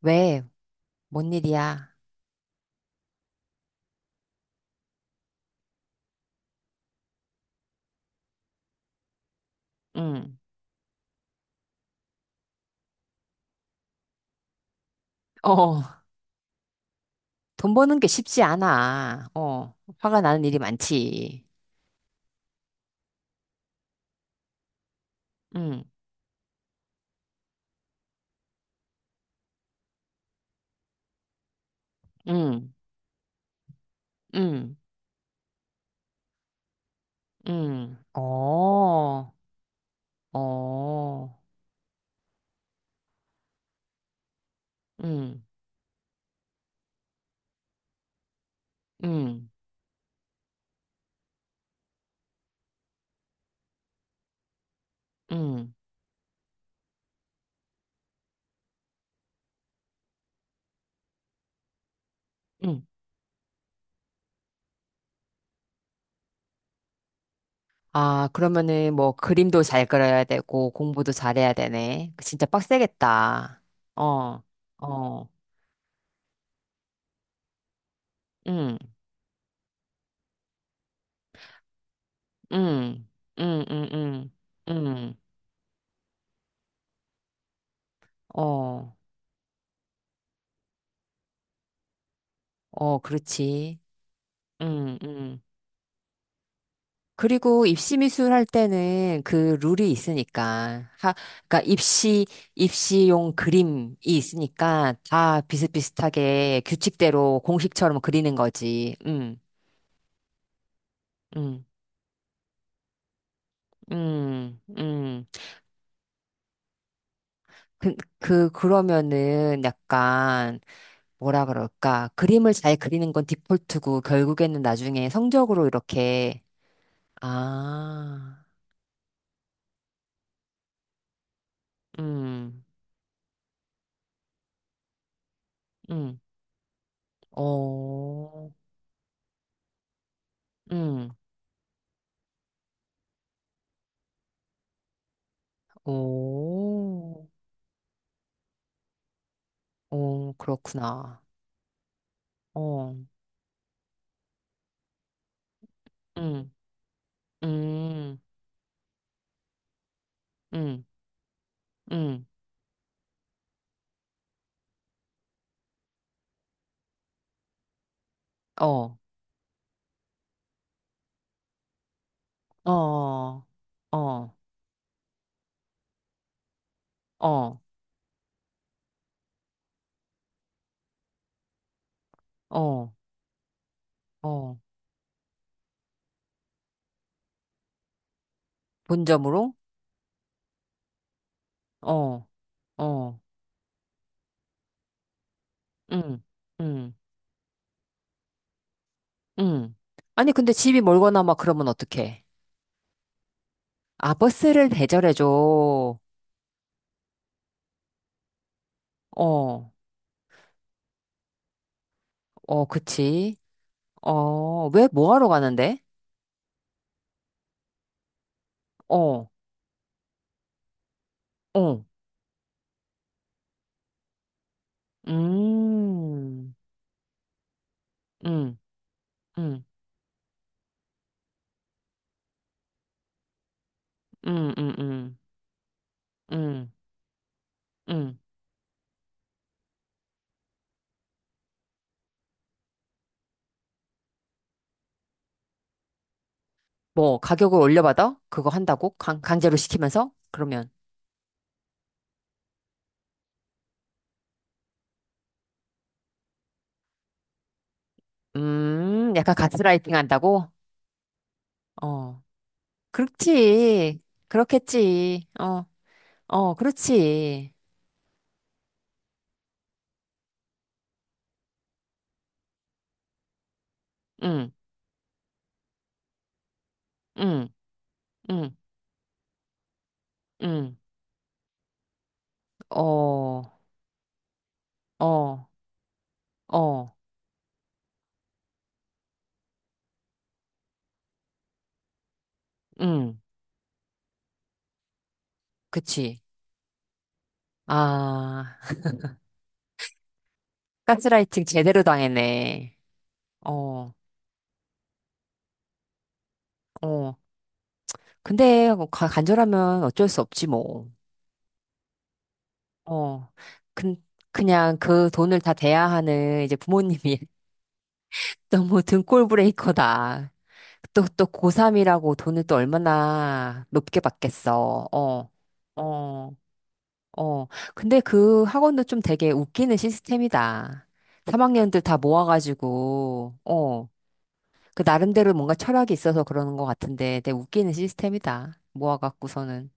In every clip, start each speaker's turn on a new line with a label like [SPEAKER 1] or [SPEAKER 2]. [SPEAKER 1] 왜? 뭔 일이야? 응. 어, 돈 버는 게 쉽지 않아. 어, 화가 나는 일이 많지. 응, 응, 응, 응. 어, 어, 응, 응, 응, 응. 아, 그러면은 뭐 그림도 잘 그려야 되고 공부도 잘해야 되네. 그 진짜 빡세겠다. 어, 어, 응, 응, 응, 응, 응, 응, 어, 어, 그렇지. 응, 응. 그리고 입시 미술 할 때는 그 룰이 있으니까 하 그러니까 입시 입시용 그림이 있으니까 다 비슷비슷하게 규칙대로 공식처럼 그리는 거지. 음. 음. 음. 음. 그, 그 그러면은 약간 뭐라 그럴까? 그림을 잘 그리는 건 디폴트고 결국에는 나중에 성적으로 이렇게 아. 음. 음. 어. 음. 오. 오, 그렇구나. 어, 응, 응, 응, 응, 어, 어, 어, 어, 어, 어, 어. 본점으로? 어, 어, 응, 응, 응. 아니, 근데 집이 멀거나 막 그러면 어떡해? 아, 버스를 대절해줘. 어, 어, 그치. 어, 왜, 뭐 하러 가는데? 어, 어, 음, 음, 음, 음, 음, 음, 음. 음. 뭐 가격을 올려받아? 그거 한다고? 강, 강제로 시키면서? 그러면 약간 가스라이팅 한다고? 어. 그렇지. 그렇겠지. 어. 어, 그렇지. 응. 응. 응. 응. 어. 어. 어. 응. 그치. 아, 가스라이팅 제대로 당했네. 어. 어. 근데 뭐 가- 간절하면 어쩔 수 없지 뭐. 어. 근 그냥 그 돈을 다 대야 하는 이제 부모님이 너무 등골 브레이커다. 또, 또 고3이라고 돈을 또 얼마나 높게 받겠어. 어, 어, 어. 근데 그 학원도 좀 되게 웃기는 시스템이다. 3학년들 다 모아가지고, 어. 그 나름대로 뭔가 철학이 있어서 그러는 것 같은데 되게 웃기는 시스템이다. 모아갖고서는.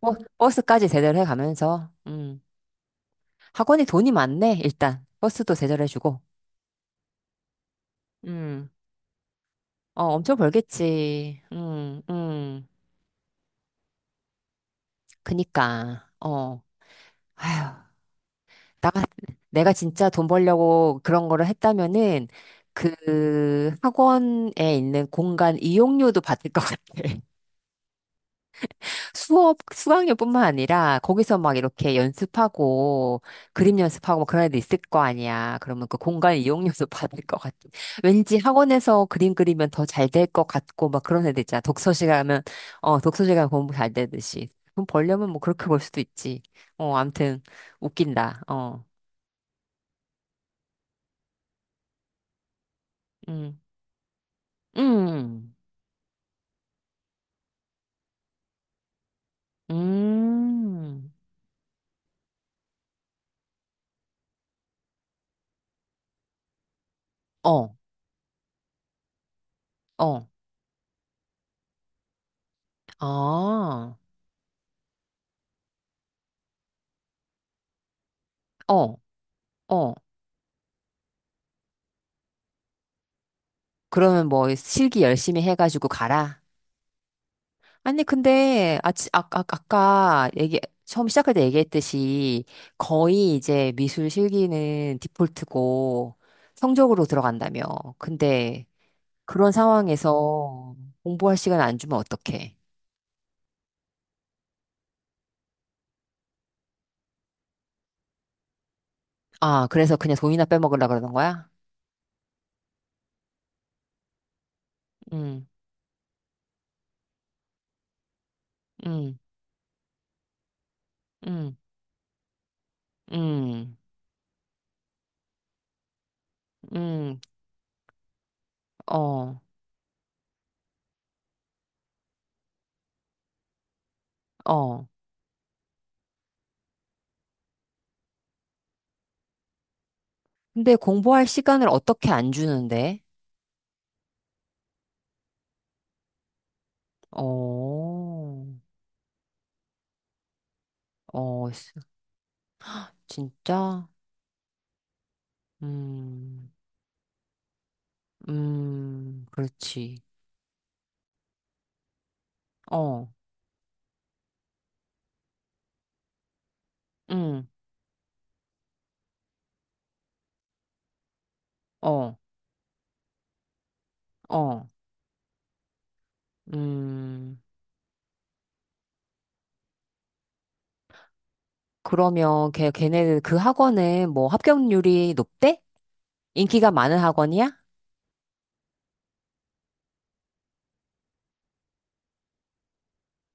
[SPEAKER 1] 버, 버스까지 대절해 가면서, 학원이 돈이 많네, 일단. 버스도 대절해주고. 음. 어, 엄청 벌겠지. 그니까, 어, 아휴, 나, 내가 진짜 돈 벌려고 그런 거를 했다면은, 그 학원에 있는 공간 이용료도 받을 것 같아. 수업, 수강료뿐만 아니라 거기서 막 이렇게 연습하고 그림 연습하고 막 그런 애들 있을 거 아니야. 그러면 그 공간 이용료도 받을 것 같아. 왠지 학원에서 그림 그리면 더 잘 될 것 같고 막 그런 애들 있잖아. 독서실 가면, 어, 독서실 가면 공부 잘 되듯이. 돈 벌려면 뭐 그렇게 벌 수도 있지. 어, 암튼, 웃긴다. 어, 음, 음, 음, 어, 어, 아, 어, 어. 그러면 뭐 실기 열심히 해가지고 가라. 아니, 근데, 아, 아, 아, 아까 얘기, 처음 시작할 때 얘기했듯이 거의 이제 미술 실기는 디폴트고 성적으로 들어간다며. 근데 그런 상황에서 공부할 시간 안 주면 어떡해? 아, 그래서 그냥 돈이나 빼먹으려 그러는 거야? 응, 응, 응, 응, 응, 어, 어. 근데 공부할 시간을 어떻게 안 주는데? 어, 어, 진짜? 음. 그렇지. 어, 응, 어, 어, 음. 그러면 걔, 걔네는 그 학원은 뭐 합격률이 높대? 인기가 많은 학원이야?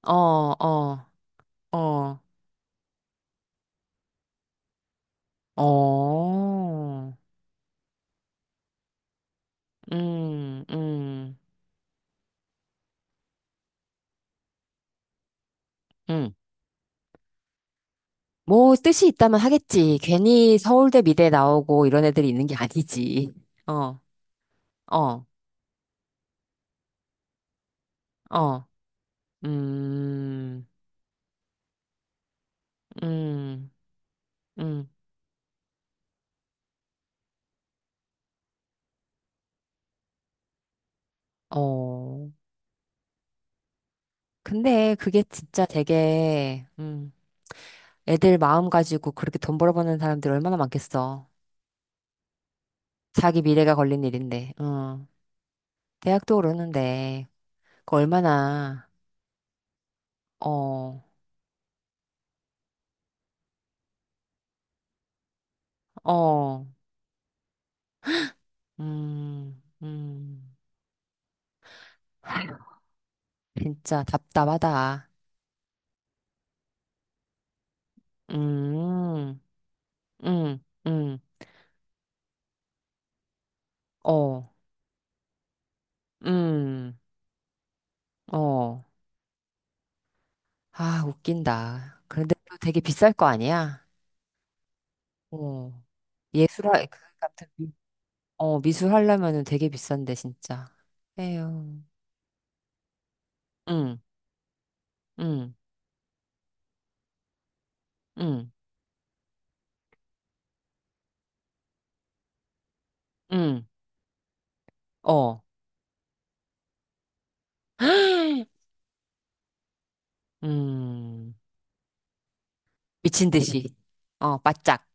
[SPEAKER 1] 어, 어, 어, 어, 음, 음, 음. 뭐 뜻이 있다면 하겠지. 괜히 서울대 미대 나오고 이런 애들이 있는 게 아니지. 어, 어, 어, 음, 음, 음, 어. 근데 그게 진짜 되게, 애들 마음 가지고 그렇게 돈 벌어버는 사람들 얼마나 많겠어. 자기 미래가 걸린 일인데, 응. 대학도 오르는데, 그 얼마나, 어, 어, 음, 음, 진짜 답답하다. 음, 음, 음, 어, 음, 어. 아, 웃긴다. 그런데 또 되게 비쌀 거 아니야? 어. 예술학, 그, 같은 어, 미술 하려면은 되게 비싼데, 진짜. 에휴. 응, 응, 응, 응, 어. 음, 미친 듯이. 어, 바짝.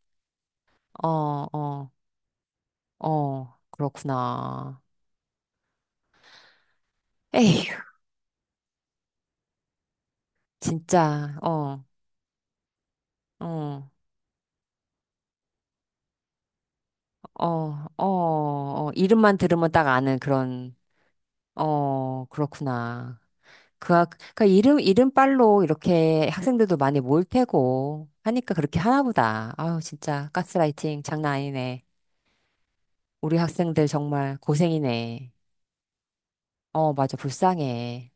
[SPEAKER 1] 어, 어, 어, 그렇구나. 에휴, 진짜, 어, 어, 어, 어, 어, 이름만 들으면 딱 아는 그런, 어, 그렇구나. 그, 학- 그러니까 이름, 이름빨로 이렇게 학생들도 많이 모일 테고 하니까 그렇게 하나 보다. 아유, 진짜 가스라이팅 장난 아니네. 우리 학생들 정말 고생이네. 어, 맞아, 불쌍해.